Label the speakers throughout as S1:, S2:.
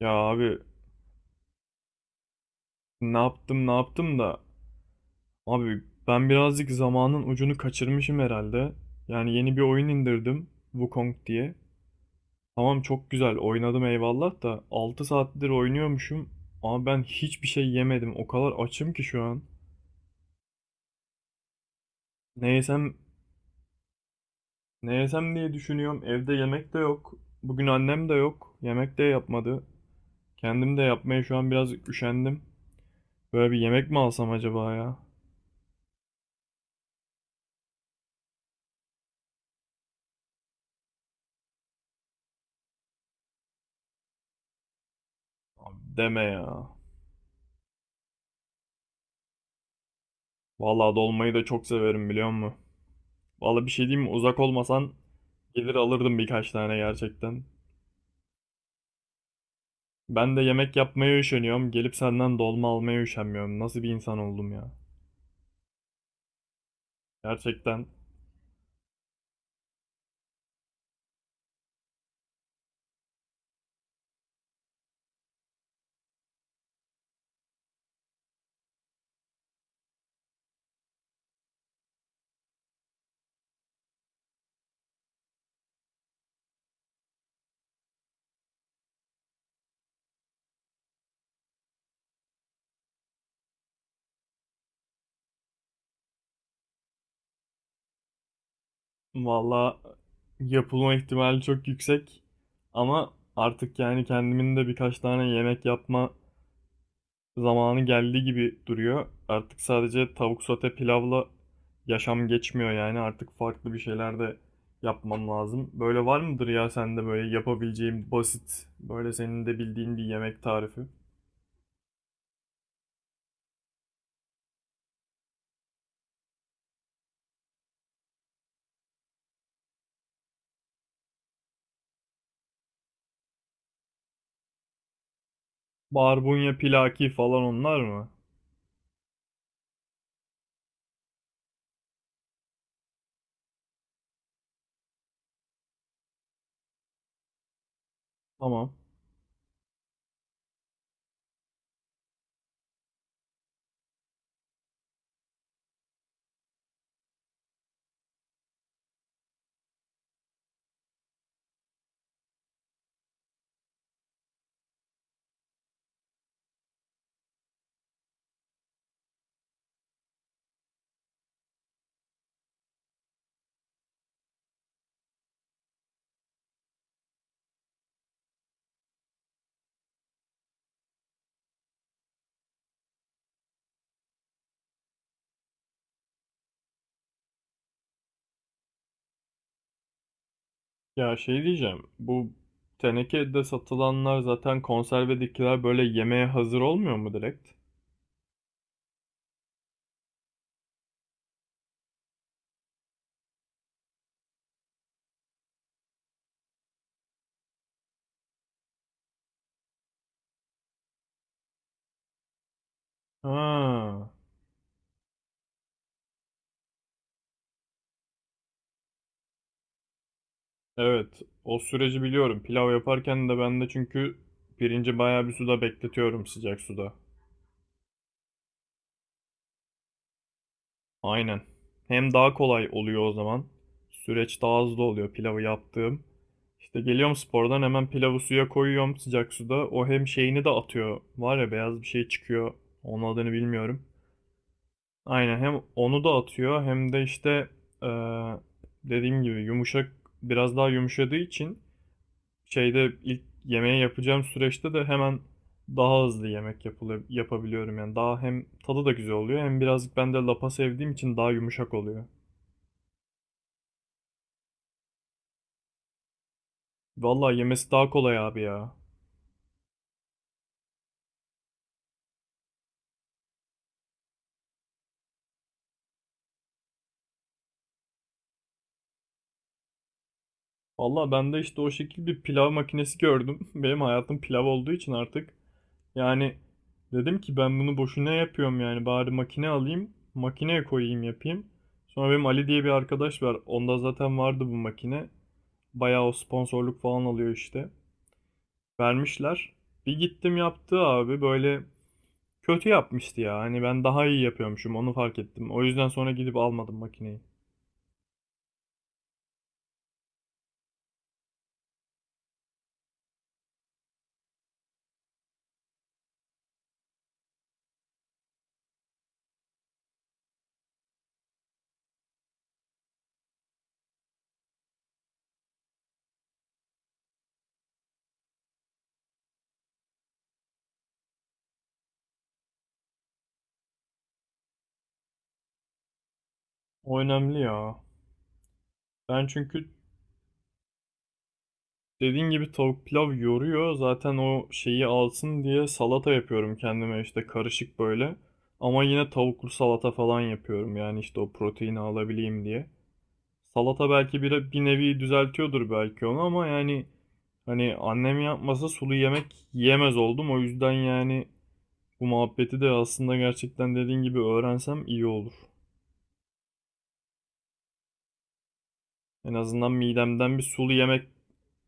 S1: Ya abi ne yaptım ne yaptım da abi ben birazcık zamanın ucunu kaçırmışım herhalde. Yani yeni bir oyun indirdim Wukong diye. Tamam çok güzel oynadım eyvallah da 6 saattir oynuyormuşum ama ben hiçbir şey yemedim. O kadar açım ki şu an. Ne yesem ne yesem diye düşünüyorum. Evde yemek de yok. Bugün annem de yok. Yemek de yapmadı. Kendim de yapmaya şu an biraz üşendim. Böyle bir yemek mi alsam acaba ya? Abi deme ya. Vallahi dolmayı da çok severim biliyor musun? Vallahi bir şey diyeyim mi? Uzak olmasan gelir alırdım birkaç tane gerçekten. Ben de yemek yapmaya üşeniyorum. Gelip senden dolma almaya üşenmiyorum. Nasıl bir insan oldum ya? Gerçekten vallahi yapılma ihtimali çok yüksek. Ama artık yani kendimin de birkaç tane yemek yapma zamanı geldi gibi duruyor. Artık sadece tavuk sote pilavla yaşam geçmiyor yani. Artık farklı bir şeyler de yapmam lazım. Böyle var mıdır ya sende böyle yapabileceğim basit, böyle senin de bildiğin bir yemek tarifi? Barbunya, pilaki falan onlar mı? Tamam. Ya şey diyeceğim. Bu tenekede satılanlar zaten konservedekiler böyle yemeğe hazır olmuyor mu direkt? Ha. Evet, o süreci biliyorum. Pilav yaparken de ben de çünkü pirinci bayağı bir suda bekletiyorum sıcak suda. Aynen. Hem daha kolay oluyor o zaman. Süreç daha hızlı oluyor pilavı yaptığım. İşte geliyorum spordan hemen pilavı suya koyuyorum sıcak suda. O hem şeyini de atıyor. Var ya beyaz bir şey çıkıyor. Onun adını bilmiyorum. Aynen hem onu da atıyor hem de işte eee, dediğim gibi yumuşak biraz daha yumuşadığı için şeyde ilk yemeği yapacağım süreçte de hemen daha hızlı yemek yapılıyor, yapabiliyorum. Yani daha hem tadı da güzel oluyor hem birazcık ben de lapa sevdiğim için daha yumuşak oluyor. Vallahi yemesi daha kolay abi ya. Vallahi ben de işte o şekil bir pilav makinesi gördüm. Benim hayatım pilav olduğu için artık. Yani dedim ki ben bunu boşuna yapıyorum yani bari makine alayım, makineye koyayım yapayım. Sonra benim Ali diye bir arkadaş var. Onda zaten vardı bu makine. Bayağı o sponsorluk falan alıyor işte. Vermişler. Bir gittim yaptı abi böyle kötü yapmıştı ya. Hani ben daha iyi yapıyormuşum onu fark ettim. O yüzden sonra gidip almadım makineyi. O önemli ya. Ben çünkü dediğin gibi tavuk pilav yoruyor. Zaten o şeyi alsın diye salata yapıyorum kendime işte karışık böyle. Ama yine tavuklu salata falan yapıyorum yani işte o proteini alabileyim diye. Salata belki bir nevi düzeltiyordur belki onu ama yani hani annem yapmasa sulu yemek yiyemez oldum. O yüzden yani bu muhabbeti de aslında gerçekten dediğin gibi öğrensem iyi olur. En azından midemden bir sulu yemek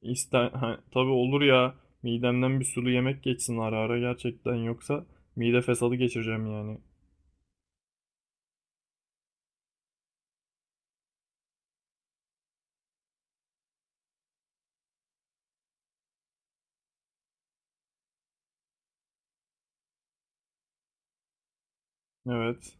S1: iste ha, tabii olur ya. Midemden bir sulu yemek geçsin ara ara gerçekten yoksa mide fesadı geçireceğim yani. Evet.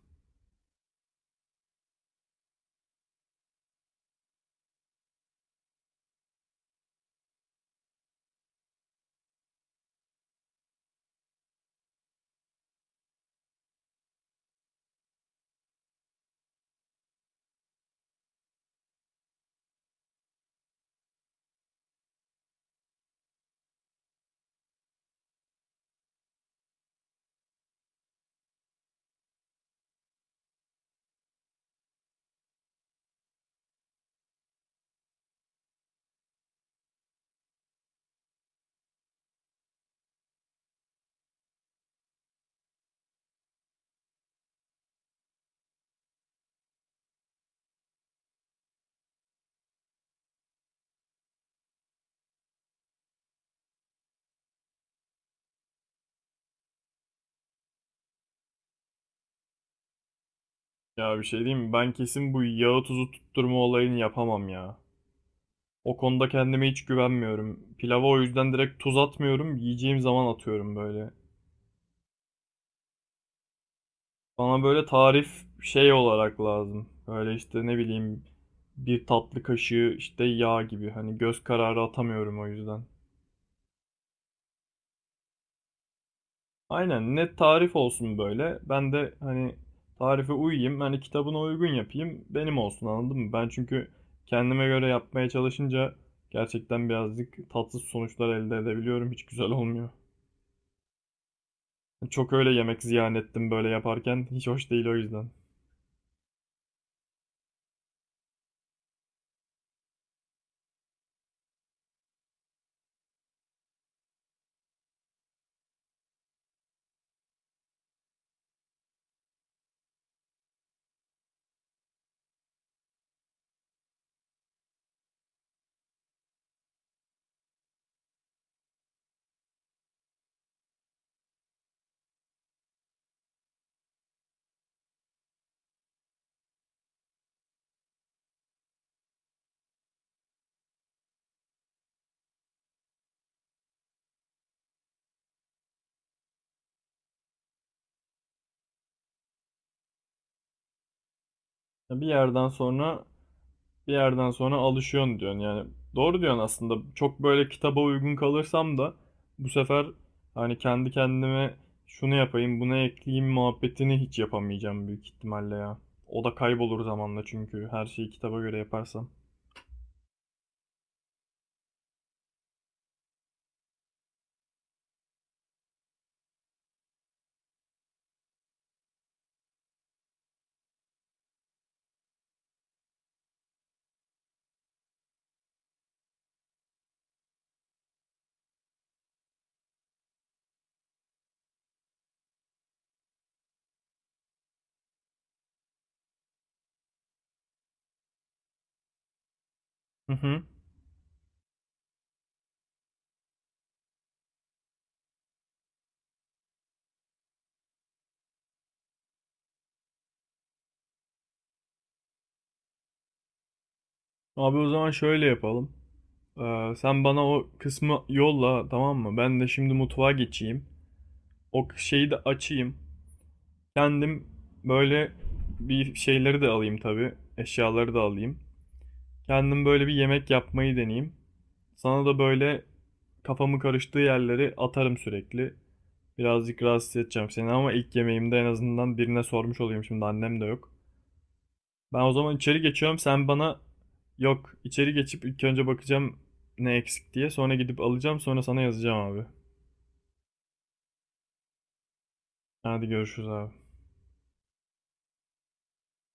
S1: Ya bir şey diyeyim mi? Ben kesin bu yağı tuzu tutturma olayını yapamam ya. O konuda kendime hiç güvenmiyorum. Pilava o yüzden direkt tuz atmıyorum. Yiyeceğim zaman atıyorum böyle. Bana böyle tarif şey olarak lazım. Böyle işte ne bileyim bir tatlı kaşığı işte yağ gibi. Hani göz kararı atamıyorum o yüzden. Aynen net tarif olsun böyle. Ben de hani tarife uyayım. Hani kitabına uygun yapayım. Benim olsun anladın mı? Ben çünkü kendime göre yapmaya çalışınca gerçekten birazcık tatsız sonuçlar elde edebiliyorum. Hiç güzel olmuyor. Çok öyle yemek ziyan ettim böyle yaparken. Hiç hoş değil o yüzden. Bir yerden sonra bir yerden sonra alışıyorsun diyorsun. Yani doğru diyorsun aslında. Çok böyle kitaba uygun kalırsam da bu sefer hani kendi kendime şunu yapayım, bunu ekleyeyim muhabbetini hiç yapamayacağım büyük ihtimalle ya. O da kaybolur zamanla çünkü her şeyi kitaba göre yaparsam. Hı hı. Abi o zaman şöyle yapalım. Sen bana o kısmı yolla tamam mı? Ben de şimdi mutfağa geçeyim. O şeyi de açayım. Kendim böyle bir şeyleri de alayım tabii. Eşyaları da alayım. Kendim böyle bir yemek yapmayı deneyeyim. Sana da böyle kafamı karıştığı yerleri atarım sürekli. Birazcık rahatsız edeceğim seni ama ilk yemeğimde en azından birine sormuş olayım şimdi annem de yok. Ben o zaman içeri geçiyorum sen bana yok içeri geçip ilk önce bakacağım ne eksik diye sonra gidip alacağım sonra sana yazacağım abi. Hadi görüşürüz abi.